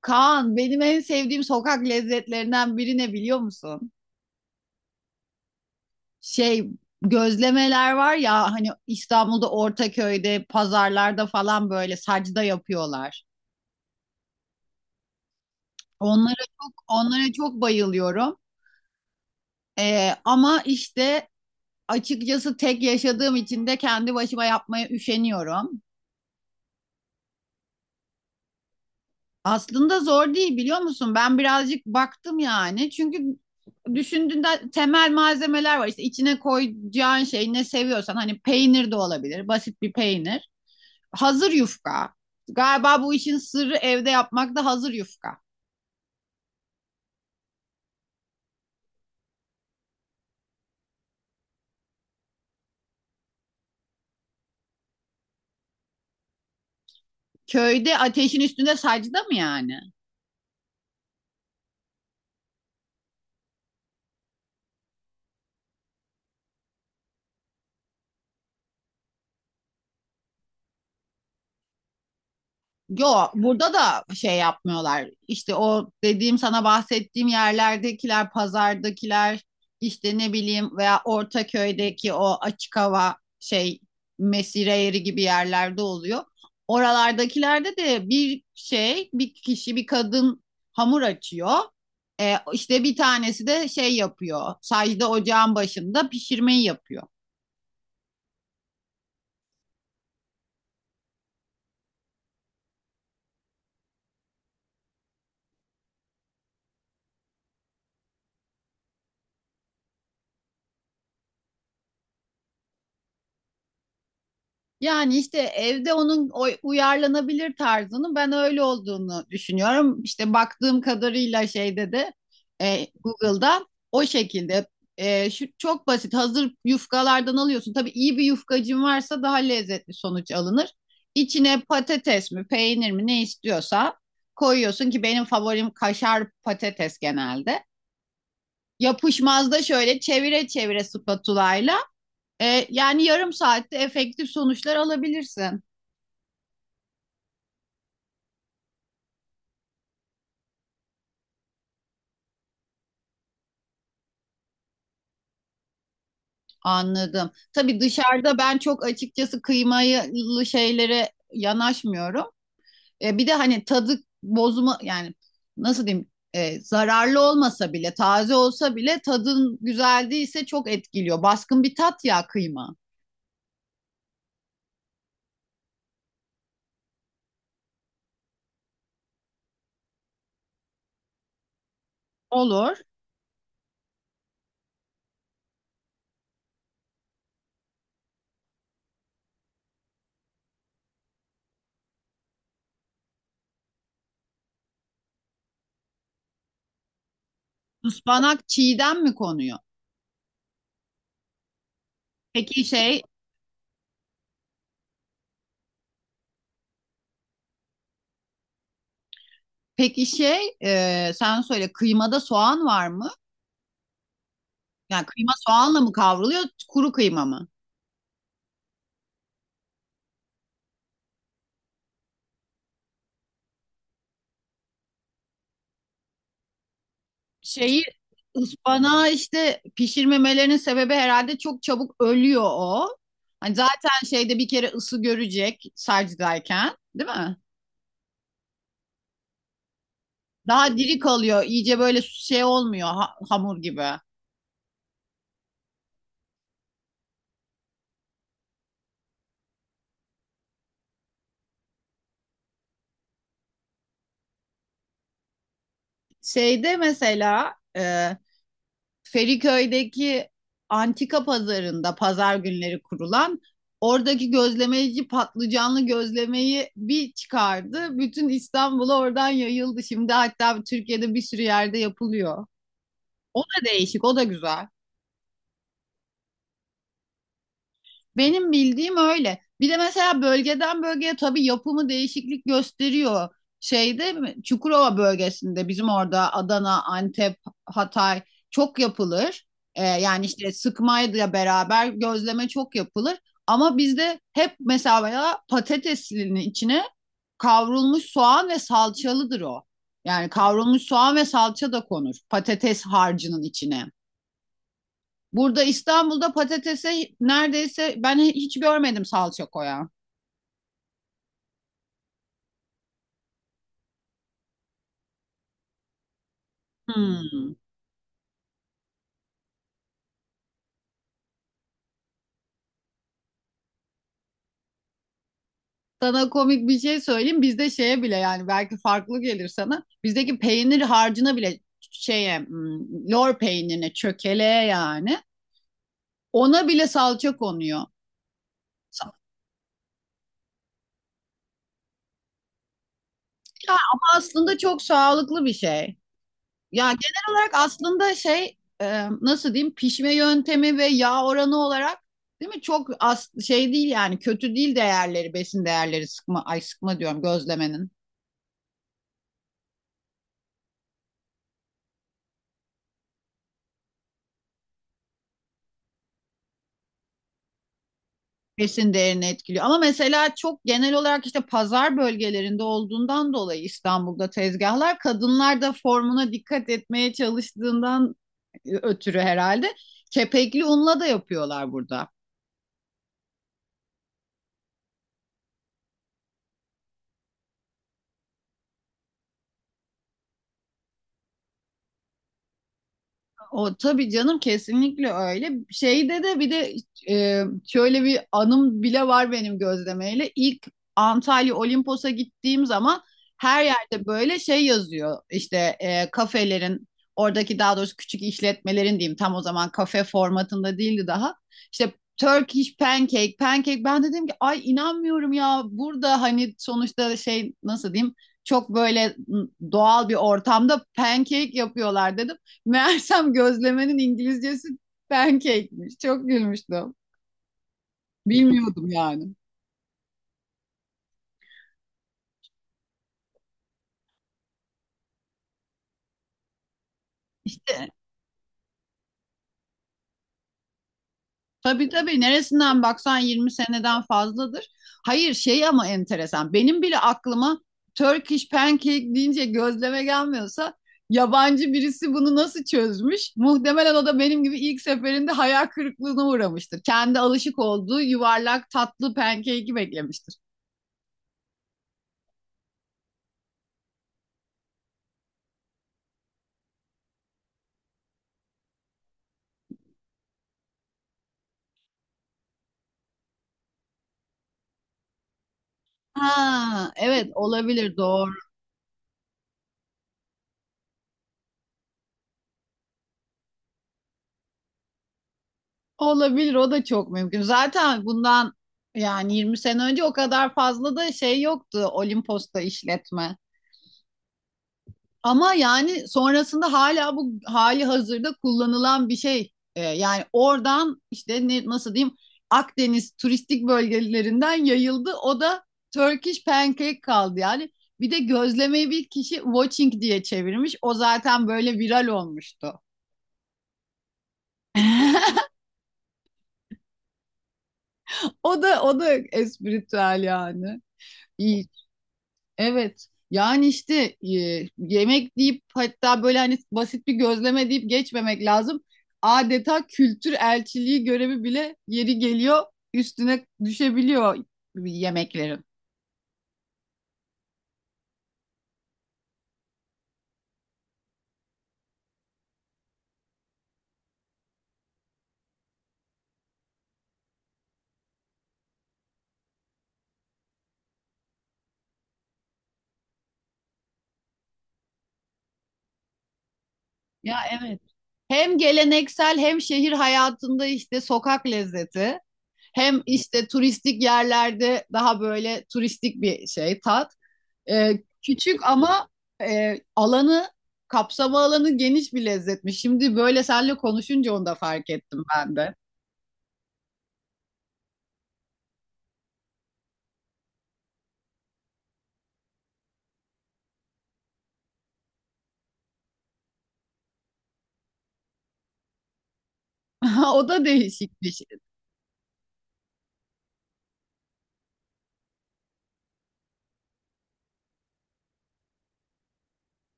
Kaan benim en sevdiğim sokak lezzetlerinden biri ne biliyor musun? Şey, gözlemeler var ya hani İstanbul'da Ortaköy'de pazarlarda falan böyle sacda yapıyorlar. Onlara çok bayılıyorum. Ama işte açıkçası tek yaşadığım için de kendi başıma yapmaya üşeniyorum. Aslında zor değil biliyor musun? Ben birazcık baktım yani. Çünkü düşündüğünde temel malzemeler var. İşte içine koyacağın şey ne seviyorsan hani peynir de olabilir. Basit bir peynir. Hazır yufka. Galiba bu işin sırrı evde yapmak da hazır yufka. Köyde ateşin üstünde sacda mı yani? Yo, burada da şey yapmıyorlar. İşte o dediğim, sana bahsettiğim yerlerdekiler, pazardakiler, işte ne bileyim, veya Ortaköy'deki o açık hava şey, mesire yeri gibi yerlerde oluyor. Oralardakilerde de bir şey, bir kişi, bir kadın hamur açıyor. İşte bir tanesi de şey yapıyor. Sadece ocağın başında pişirmeyi yapıyor. Yani işte evde onun uyarlanabilir tarzının ben öyle olduğunu düşünüyorum. İşte baktığım kadarıyla şeyde de, Google'da o şekilde, şu çok basit hazır yufkalardan alıyorsun. Tabii iyi bir yufkacın varsa daha lezzetli sonuç alınır. İçine patates mi peynir mi ne istiyorsa koyuyorsun ki benim favorim kaşar patates genelde. Yapışmazda şöyle çevire çevire spatulayla, yani yarım saatte efektif sonuçlar alabilirsin. Anladım. Tabii dışarıda ben çok açıkçası kıymalı şeylere yanaşmıyorum. Bir de hani tadı bozma yani, nasıl diyeyim, zararlı olmasa bile, taze olsa bile tadın güzel değilse çok etkiliyor. Baskın bir tat ya kıyma. Olur. Ispanak çiğden mi konuyor? Peki şey peki şey, sen söyle, kıymada soğan var mı? Yani kıyma soğanla mı kavruluyor, kuru kıyma mı? Şeyi, ıspanağı işte pişirmemelerinin sebebi herhalde çok çabuk ölüyor o. Hani zaten şeyde bir kere ısı görecek sarcıdayken, değil mi? Daha diri kalıyor. İyice böyle şey olmuyor, hamur gibi. Şeyde mesela, Feriköy'deki antika pazarında pazar günleri kurulan oradaki gözlemeci patlıcanlı gözlemeyi bir çıkardı. Bütün İstanbul'a oradan yayıldı. Şimdi hatta Türkiye'de bir sürü yerde yapılıyor. O da değişik, o da güzel. Benim bildiğim öyle. Bir de mesela bölgeden bölgeye tabii yapımı değişiklik gösteriyor. Şeyde Çukurova bölgesinde bizim orada Adana, Antep, Hatay çok yapılır. Yani işte sıkmayla beraber gözleme çok yapılır. Ama bizde hep mesela ya patateslinin içine kavrulmuş soğan ve salçalıdır o. Yani kavrulmuş soğan ve salça da konur patates harcının içine. Burada İstanbul'da patatese neredeyse ben hiç görmedim salça koyan. Hmm. Sana komik bir şey söyleyeyim. Bizde şeye bile, yani belki farklı gelir sana, bizdeki peynir harcına bile, şeye, hmm, lor peynirine, çökeleğe, yani ona bile salça konuyor. Sa- Ya ama aslında çok sağlıklı bir şey. Ya genel olarak aslında şey, nasıl diyeyim, pişme yöntemi ve yağ oranı olarak, değil mi, çok az şey değil yani, kötü değil değerleri, besin değerleri sıkma, ay sıkma diyorum, gözlemenin besin değerini etkiliyor. Ama mesela çok genel olarak işte pazar bölgelerinde olduğundan dolayı İstanbul'da tezgahlar, kadınlar da formuna dikkat etmeye çalıştığından, ötürü herhalde kepekli unla da yapıyorlar burada. O tabii canım, kesinlikle öyle. Şeyde de bir de, şöyle bir anım bile var benim gözlemeyle. İlk Antalya Olimpos'a gittiğim zaman her yerde böyle şey yazıyor. İşte kafelerin oradaki, daha doğrusu küçük işletmelerin diyeyim, tam o zaman kafe formatında değildi daha. İşte Turkish pancake, pancake. Ben de dedim ki ay, inanmıyorum ya, burada hani sonuçta şey, nasıl diyeyim, çok böyle doğal bir ortamda pancake yapıyorlar dedim. Meğersem gözlemenin İngilizcesi pancake'miş. Çok gülmüştüm. Bilmiyordum yani. İşte tabii, neresinden baksan 20 seneden fazladır. Hayır şey, ama enteresan. Benim bile aklıma Turkish pancake deyince gözleme gelmiyorsa yabancı birisi bunu nasıl çözmüş? Muhtemelen o da benim gibi ilk seferinde hayal kırıklığına uğramıştır. Kendi alışık olduğu yuvarlak tatlı pancake'i beklemiştir. Ha, evet, olabilir, doğru. Olabilir, o da çok mümkün. Zaten bundan yani 20 sene önce o kadar fazla da şey yoktu Olimpos'ta, işletme. Ama yani sonrasında hala bu hali hazırda kullanılan bir şey. Yani oradan işte nasıl diyeyim, Akdeniz turistik bölgelerinden yayıldı. O da Turkish pancake kaldı yani. Bir de gözlemeyi bir kişi watching diye çevirmiş. O zaten böyle viral olmuştu. O da espritüel yani. İyi. Evet. Yani işte, yemek deyip, hatta böyle hani basit bir gözleme deyip geçmemek lazım. Adeta kültür elçiliği görevi bile yeri geliyor, üstüne düşebiliyor yemeklerin. Ya evet. Hem geleneksel, hem şehir hayatında işte sokak lezzeti. Hem işte turistik yerlerde daha böyle turistik bir şey, tat. Küçük ama, e, alanı kapsama alanı geniş bir lezzetmiş. Şimdi böyle seninle konuşunca onu da fark ettim ben de. O da değişik bir şey.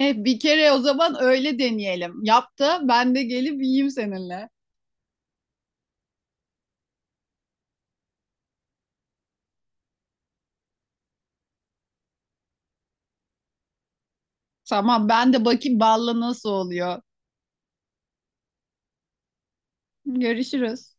Bir kere o zaman öyle deneyelim. Yap da ben de gelip yiyeyim seninle. Tamam, ben de bakayım balla nasıl oluyor. Görüşürüz.